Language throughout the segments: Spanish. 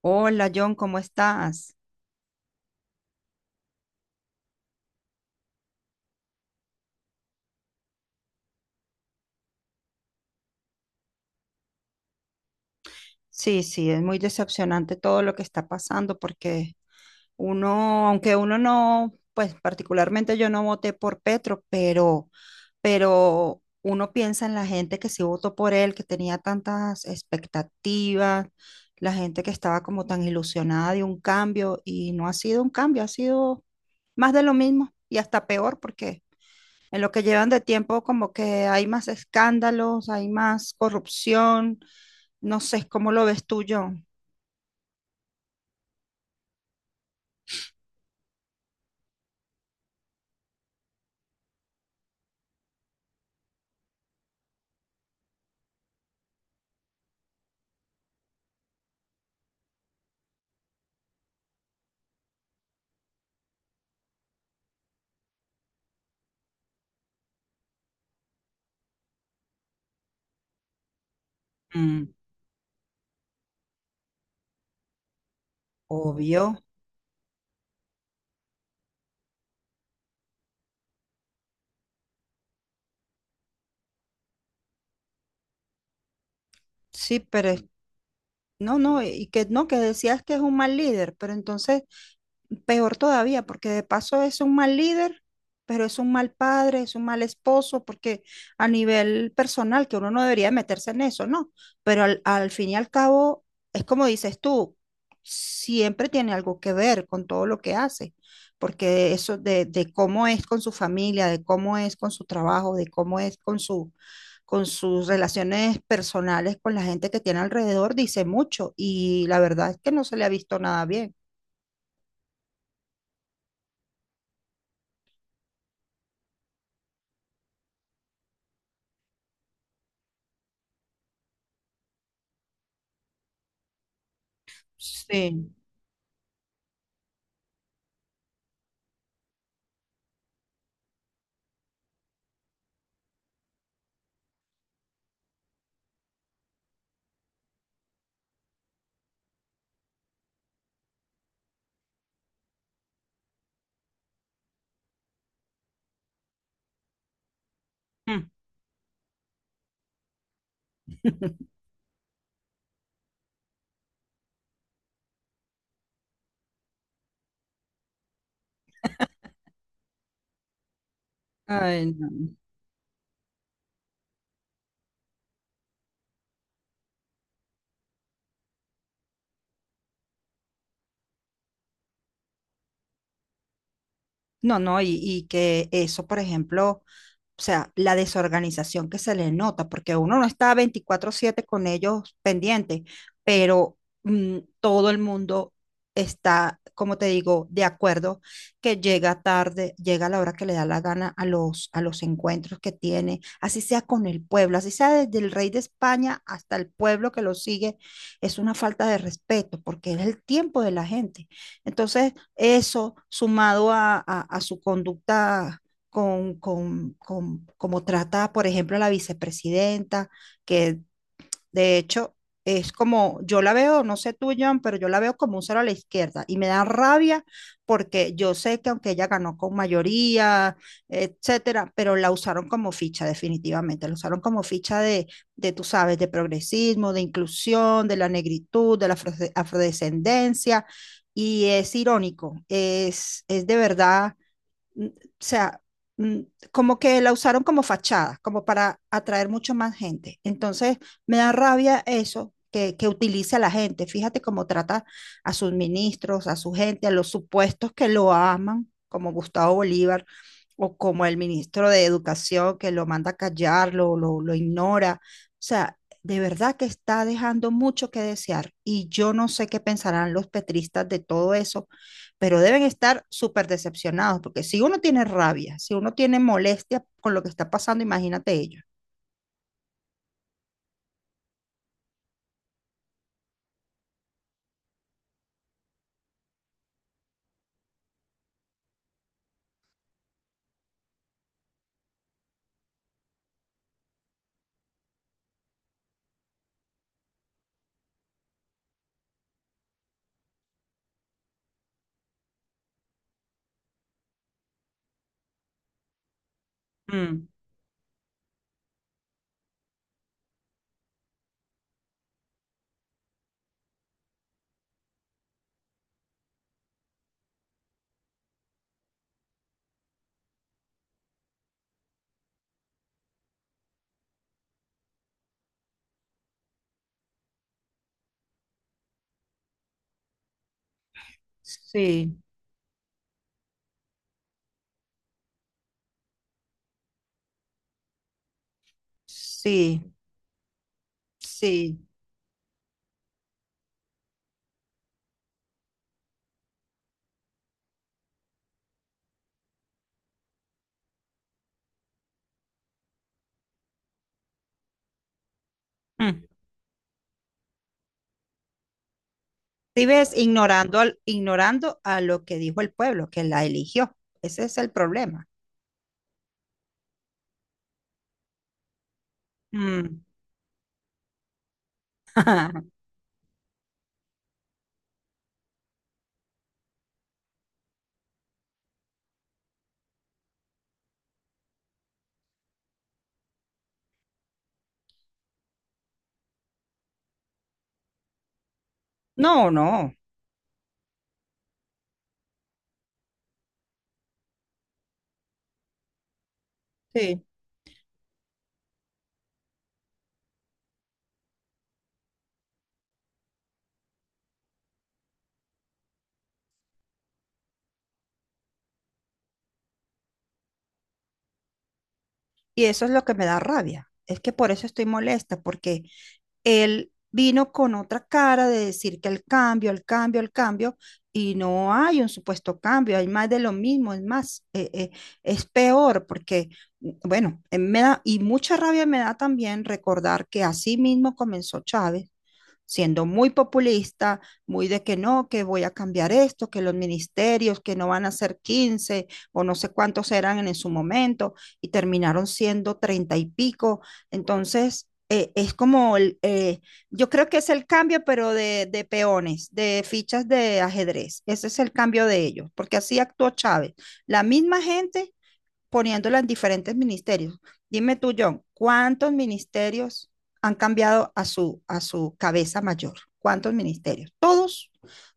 Hola John, ¿cómo estás? Sí, sí, es muy decepcionante todo lo que está pasando porque uno, aunque uno no, pues particularmente yo no voté por Petro, pero uno piensa en la gente que sí votó por él, que tenía tantas expectativas, la gente que estaba como tan ilusionada de un cambio y no ha sido un cambio, ha sido más de lo mismo y hasta peor porque en lo que llevan de tiempo, como que hay más escándalos, hay más corrupción. No sé cómo lo ves tú, John. Mm, Obvio, sí, no, no, y que no, que decías que es un mal líder, pero entonces peor todavía, porque de paso es un mal líder, pero es un mal padre, es un mal esposo, porque a nivel personal, que uno no debería meterse en eso, ¿no? Pero al fin y al cabo, es como dices tú, siempre tiene algo que ver con todo lo que hace, porque eso de cómo es con su familia, de cómo es con su trabajo, de cómo es con su con sus relaciones personales con la gente que tiene alrededor, dice mucho y la verdad es que no se le ha visto nada bien. Sí. Mm. Ay, no. No, no, y que eso, por ejemplo, o sea, la desorganización que se le nota, porque uno no está 24/7 con ellos pendientes, pero todo el mundo está, como te digo, de acuerdo que llega tarde, llega a la hora que le da la gana a los encuentros que tiene, así sea con el pueblo, así sea desde el rey de España hasta el pueblo que lo sigue, es una falta de respeto porque es el tiempo de la gente. Entonces, eso sumado a su conducta con cómo trata, por ejemplo, a la vicepresidenta, que de hecho es como, yo la veo, no sé tú, John, pero yo la veo como un cero a la izquierda y me da rabia porque yo sé que aunque ella ganó con mayoría, etcétera, pero la usaron como ficha definitivamente, la usaron como ficha de tú sabes, de progresismo, de inclusión, de la negritud, de la afrodescendencia. Y es irónico, es de verdad mm, o sea, mm, como que la usaron como fachada, como para atraer mucho más gente. Entonces, me da rabia eso que utilice a la gente. Fíjate cómo trata a sus ministros, a su gente, a los supuestos que lo aman, como Gustavo Bolívar o como el ministro de Educación que lo manda a callar, lo ignora. O sea, de verdad que está dejando mucho que desear y yo no sé qué pensarán los petristas de todo eso, pero deben estar súper decepcionados, porque si uno tiene rabia, si uno tiene molestia con lo que está pasando, imagínate ellos. Mm, Sí, sí, sí. mm. Si ves, ignorando a lo que dijo el pueblo, que la eligió. Ese es el problema. Mm. No, no. Sí. Y eso es lo que me da rabia. Es que por eso estoy molesta, porque él vino con otra cara de decir que el cambio, el cambio, el cambio, y no hay un supuesto cambio, hay más de lo mismo, es más, es peor porque bueno, me da, y mucha rabia me da también recordar que así mismo comenzó Chávez siendo muy populista, muy de que no, que voy a cambiar esto, que los ministerios, que no van a ser 15 o no sé cuántos eran en su momento y terminaron siendo 30 y pico. Entonces, es como, yo creo que es el cambio, pero peones, de fichas de ajedrez. Ese es el cambio de ellos, porque así actuó Chávez. La misma gente poniéndola en diferentes ministerios. Dime tú, John, ¿cuántos ministerios han cambiado a su cabeza mayor? ¿Cuántos ministerios? ¿Todos?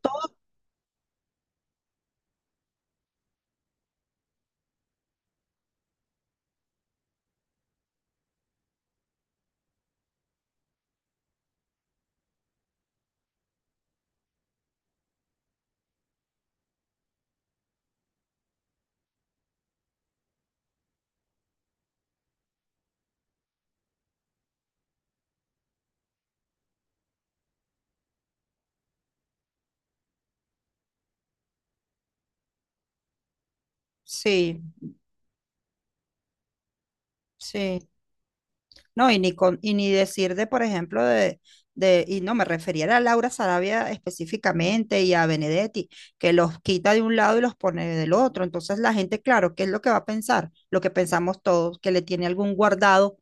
¿Todos? Sí, sí. No, y ni decir de, por ejemplo, y no me refería a Laura Sarabia específicamente y a Benedetti, que los quita de un lado y los pone del otro. Entonces la gente, claro, ¿qué es lo que va a pensar? Lo que pensamos todos, que le tiene algún guardado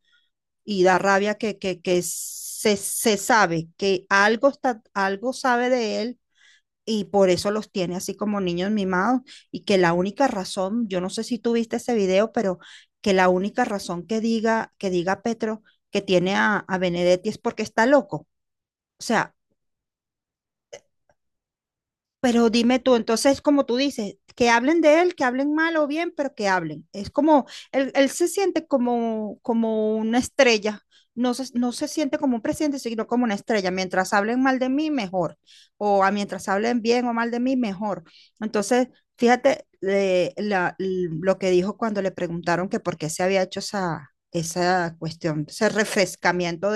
y da rabia que, se sabe que algo, está, algo sabe de él y por eso los tiene así como niños mimados y que la única razón, yo no sé si tú viste ese video, pero que la única razón que diga Petro que tiene a Benedetti es porque está loco. O sea, pero dime tú, entonces, como tú dices, que hablen de él, que hablen mal o bien, pero que hablen. Es como, él se siente como, como una estrella, no se siente como un presidente, sino como una estrella. Mientras hablen mal de mí, mejor. O a mientras hablen bien o mal de mí, mejor. Entonces, fíjate lo que dijo cuando le preguntaron que por qué se había hecho esa, esa cuestión, ese refrescamiento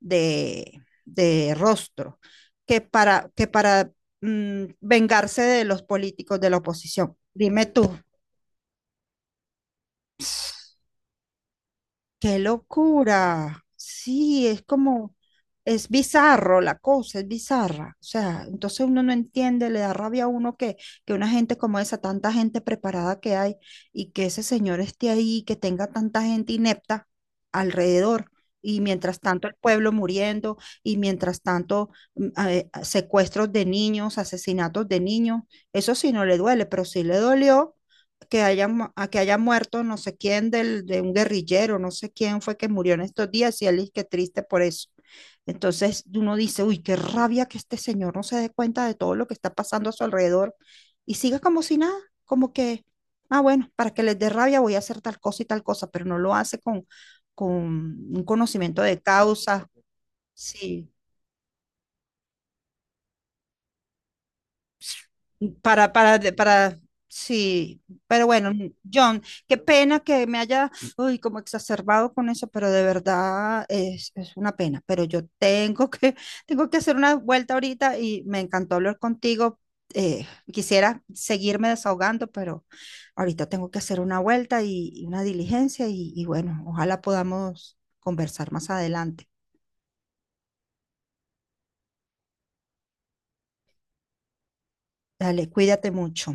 de rostro, que para vengarse de los políticos de la oposición. Dime tú. Qué locura. Sí, es como, es bizarro la cosa, es bizarra. O sea, entonces uno no entiende, le da rabia a uno que una gente como esa, tanta gente preparada que hay y que ese señor esté ahí, que tenga tanta gente inepta alrededor. Y mientras tanto el pueblo muriendo, y mientras tanto secuestros de niños, asesinatos de niños, eso sí no le duele, pero sí le dolió que haya, mu- a que haya muerto no sé quién del, de un guerrillero, no sé quién fue que murió en estos días y él es que triste por eso. Entonces uno dice, uy, qué rabia que este señor no se dé cuenta de todo lo que está pasando a su alrededor y siga como si nada, como que, ah, bueno, para que les dé rabia voy a hacer tal cosa y tal cosa, pero no lo hace con un conocimiento de causa. Sí. Para, sí, pero bueno, John, qué pena que me haya, uy, como exacerbado con eso, pero de verdad es una pena, pero yo tengo que, tengo que hacer una vuelta ahorita y me encantó hablar contigo. eh, Quisiera seguirme desahogando, pero ahorita tengo que hacer una vuelta y una diligencia y bueno, ojalá podamos conversar más adelante. Dale, cuídate mucho.